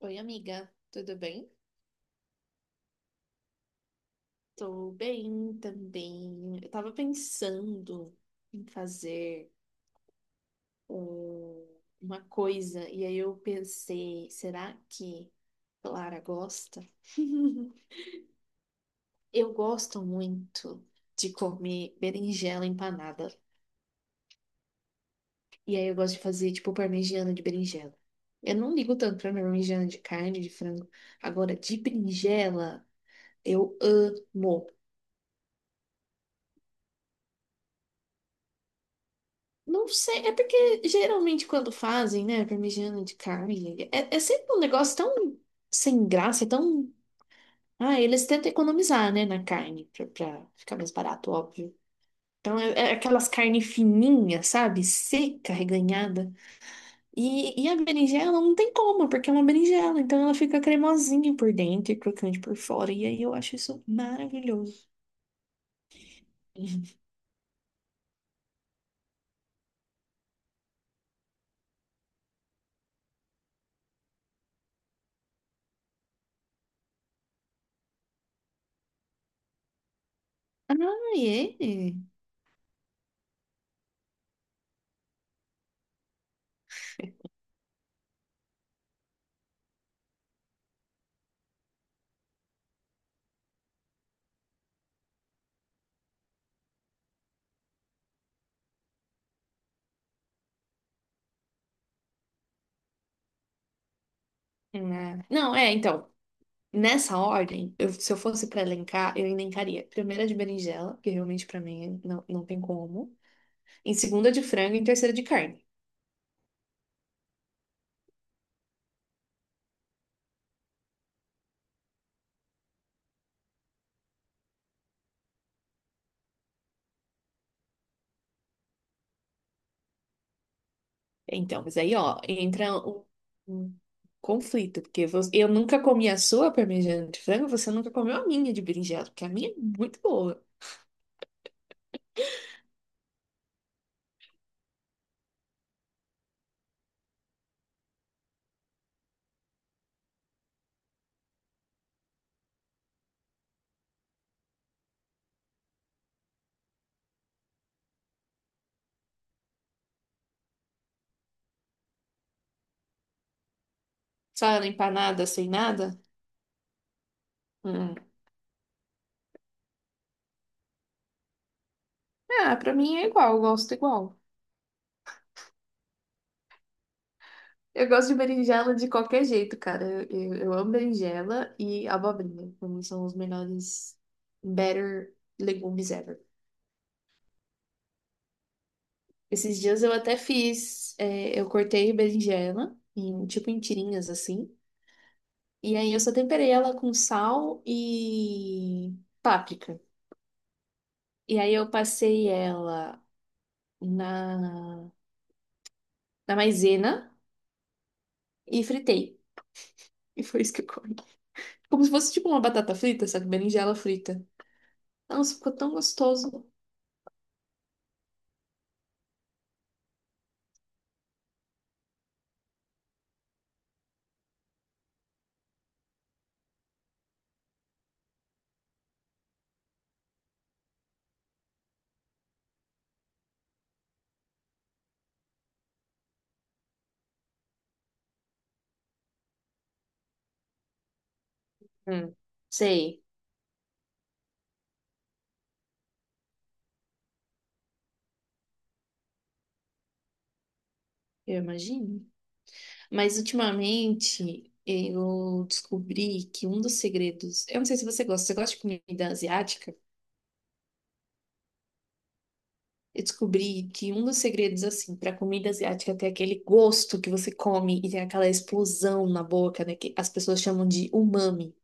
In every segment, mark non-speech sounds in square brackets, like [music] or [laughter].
Oi, amiga, tudo bem? Tô bem também. Eu tava pensando em fazer um- uma coisa e aí eu pensei, será que Clara gosta? [laughs] Eu gosto muito de comer berinjela empanada. E aí eu gosto de fazer tipo parmegiana de berinjela. Eu não ligo tanto pra parmegiana de carne, de frango. Agora, de berinjela, eu amo. Não sei, é porque geralmente quando fazem, né, parmegiana de carne, é sempre um negócio tão sem graça, tão. Ah, eles tentam economizar, né, na carne, pra ficar mais barato, óbvio. Então é aquelas carnes fininhas, sabe? Seca, reganhada. E a berinjela não tem como, porque é uma berinjela, então ela fica cremosinha por dentro e crocante por fora. E aí eu acho isso maravilhoso. [laughs] Ah, é? Ah, não, é, então. Nessa ordem, se eu fosse para elencar, eu elencaria primeira de berinjela, que realmente para mim não tem como. Em segunda de frango e em terceira de carne. Então, mas aí, ó, entra um, um conflito, porque eu nunca comi a sua parmegiana de frango, você nunca comeu a minha de berinjela, porque a minha é muito boa. Só ela empanada, sem nada. Hum. Ah, pra mim é igual. Eu gosto de berinjela de qualquer jeito, cara. Eu amo berinjela e abobrinha. Pra mim são os melhores, better legumes ever. Esses dias eu até fiz, é, eu cortei berinjela, em, tipo em tirinhas assim. E aí eu só temperei ela com sal e páprica. E aí eu passei ela na, na maisena e fritei. E foi isso que eu comi. Como se fosse tipo uma batata frita, só que berinjela frita. Nossa, ficou tão gostoso. Hum, sei, eu imagino. Mas ultimamente eu descobri que um dos segredos, eu não sei se você gosta, você gosta de comida asiática? Eu descobri que um dos segredos assim para comida asiática é ter aquele gosto que você come e tem aquela explosão na boca, né, que as pessoas chamam de umami,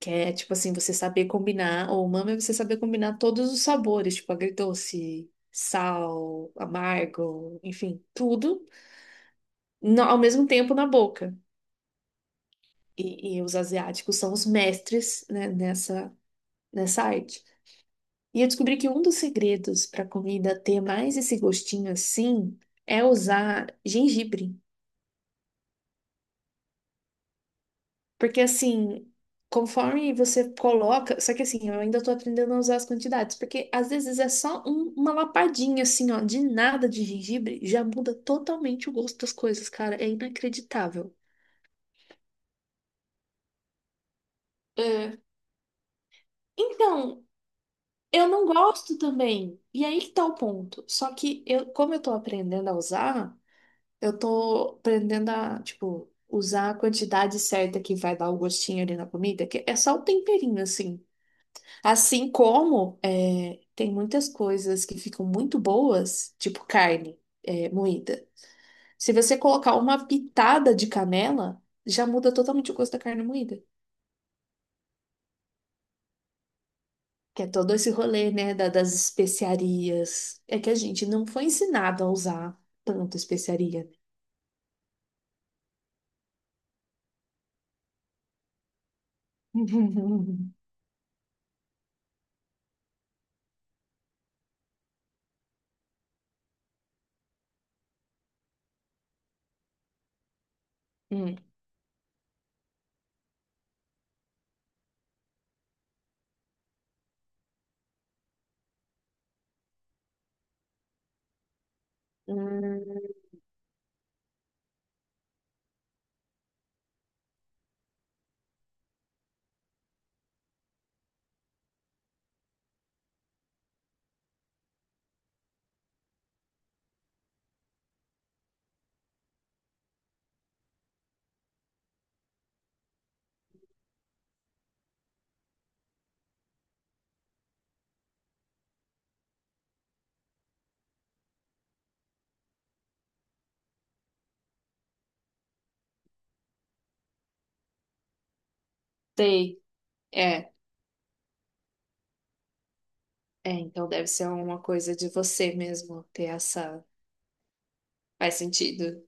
que é tipo assim, você saber combinar, ou umami é você saber combinar todos os sabores, tipo agridoce, sal, amargo, enfim, tudo ao mesmo tempo na boca. E os asiáticos são os mestres, né, nessa arte. E eu descobri que um dos segredos para a comida ter mais esse gostinho assim é usar gengibre. Porque assim, conforme você coloca. Só que assim, eu ainda tô aprendendo a usar as quantidades. Porque às vezes é só uma lapadinha assim, ó, de nada de gengibre, já muda totalmente o gosto das coisas, cara. É inacreditável. É. Então. Eu não gosto também. E aí que tá o ponto. Só que eu, como eu tô aprendendo a usar, eu tô aprendendo a, tipo, usar a quantidade certa que vai dar o gostinho ali na comida, que é só o temperinho, assim. Assim como é, tem muitas coisas que ficam muito boas, tipo carne é, moída. Se você colocar uma pitada de canela, já muda totalmente o gosto da carne moída. Que é todo esse rolê, né, das especiarias. É que a gente não foi ensinado a usar tanto especiaria. [laughs] Hum, hum, sei. É, é, então deve ser uma coisa de você mesmo ter essa. Faz sentido.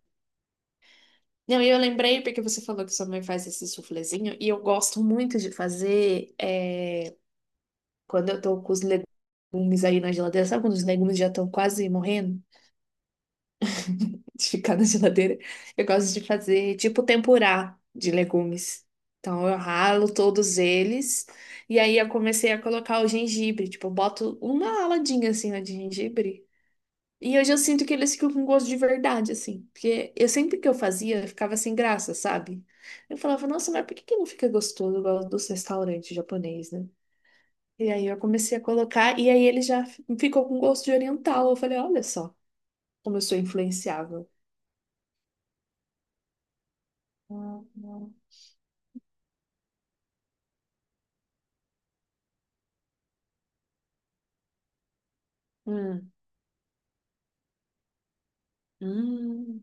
Não, e eu lembrei porque você falou que sua mãe faz esse suflezinho, e eu gosto muito de fazer é, quando eu tô com os legumes aí na geladeira, sabe quando os legumes já estão quase morrendo? [laughs] de ficar na geladeira. Eu gosto de fazer tipo tempurá de legumes. Então eu ralo todos eles e aí eu comecei a colocar o gengibre, tipo, eu boto uma aladinha assim ó, de gengibre. E hoje eu sinto que eles ficam com gosto de verdade, assim. Porque eu sempre que eu fazia, eu ficava sem graça, sabe? Eu falava, nossa, mas por que que não fica gostoso igual dos restaurantes japonês, né? E aí eu comecei a colocar, e aí ele já ficou com gosto de oriental. Eu falei, olha só como eu sou influenciável. Hum. Hum.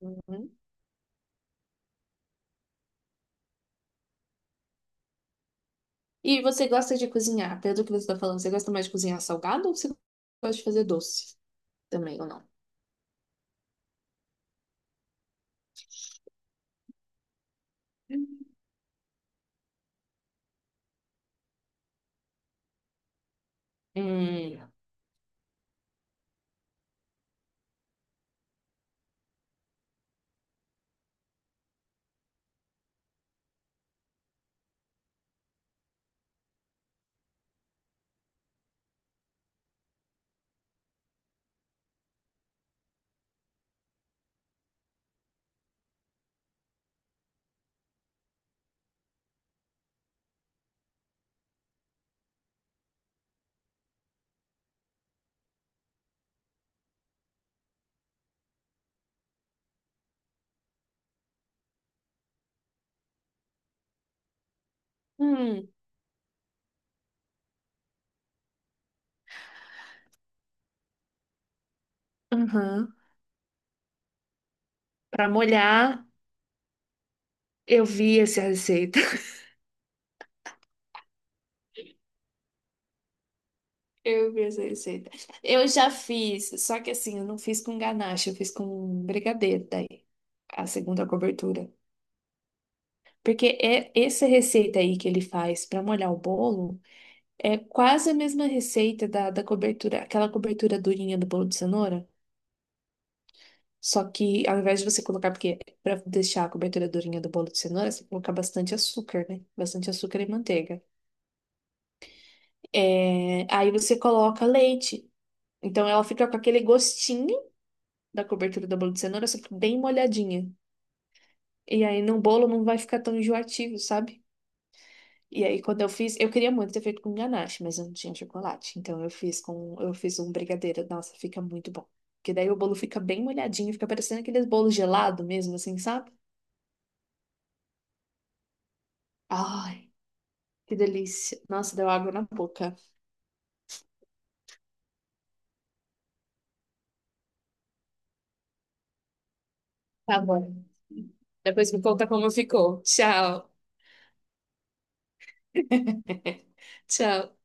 Uhum. E você gosta de cozinhar? Pelo que você está falando, você gosta mais de cozinhar salgado ou você gosta de fazer doce também ou não? Hum. Hum. Uhum. Para molhar, eu vi essa receita. [laughs] Eu vi essa receita. Eu já fiz, só que assim, eu não fiz com ganache, eu fiz com brigadeiro daí, a segunda cobertura. Porque é essa receita aí que ele faz para molhar o bolo. É quase a mesma receita da cobertura, aquela cobertura durinha do bolo de cenoura, só que ao invés de você colocar, porque para deixar a cobertura durinha do bolo de cenoura, você coloca bastante açúcar, né? Bastante açúcar e manteiga. É, aí você coloca leite. Então ela fica com aquele gostinho da cobertura do bolo de cenoura, só que bem molhadinha. E aí no bolo não vai ficar tão enjoativo, sabe? E aí, quando eu fiz, eu queria muito ter feito com ganache, mas eu não tinha chocolate. Então eu fiz com, eu fiz um brigadeiro. Nossa, fica muito bom. Porque daí o bolo fica bem molhadinho, fica parecendo aqueles bolos gelado mesmo, assim, sabe? Ai, que delícia. Nossa, deu água na boca. Tá bom. Depois me conta como ficou. Tchau. [laughs] Tchau.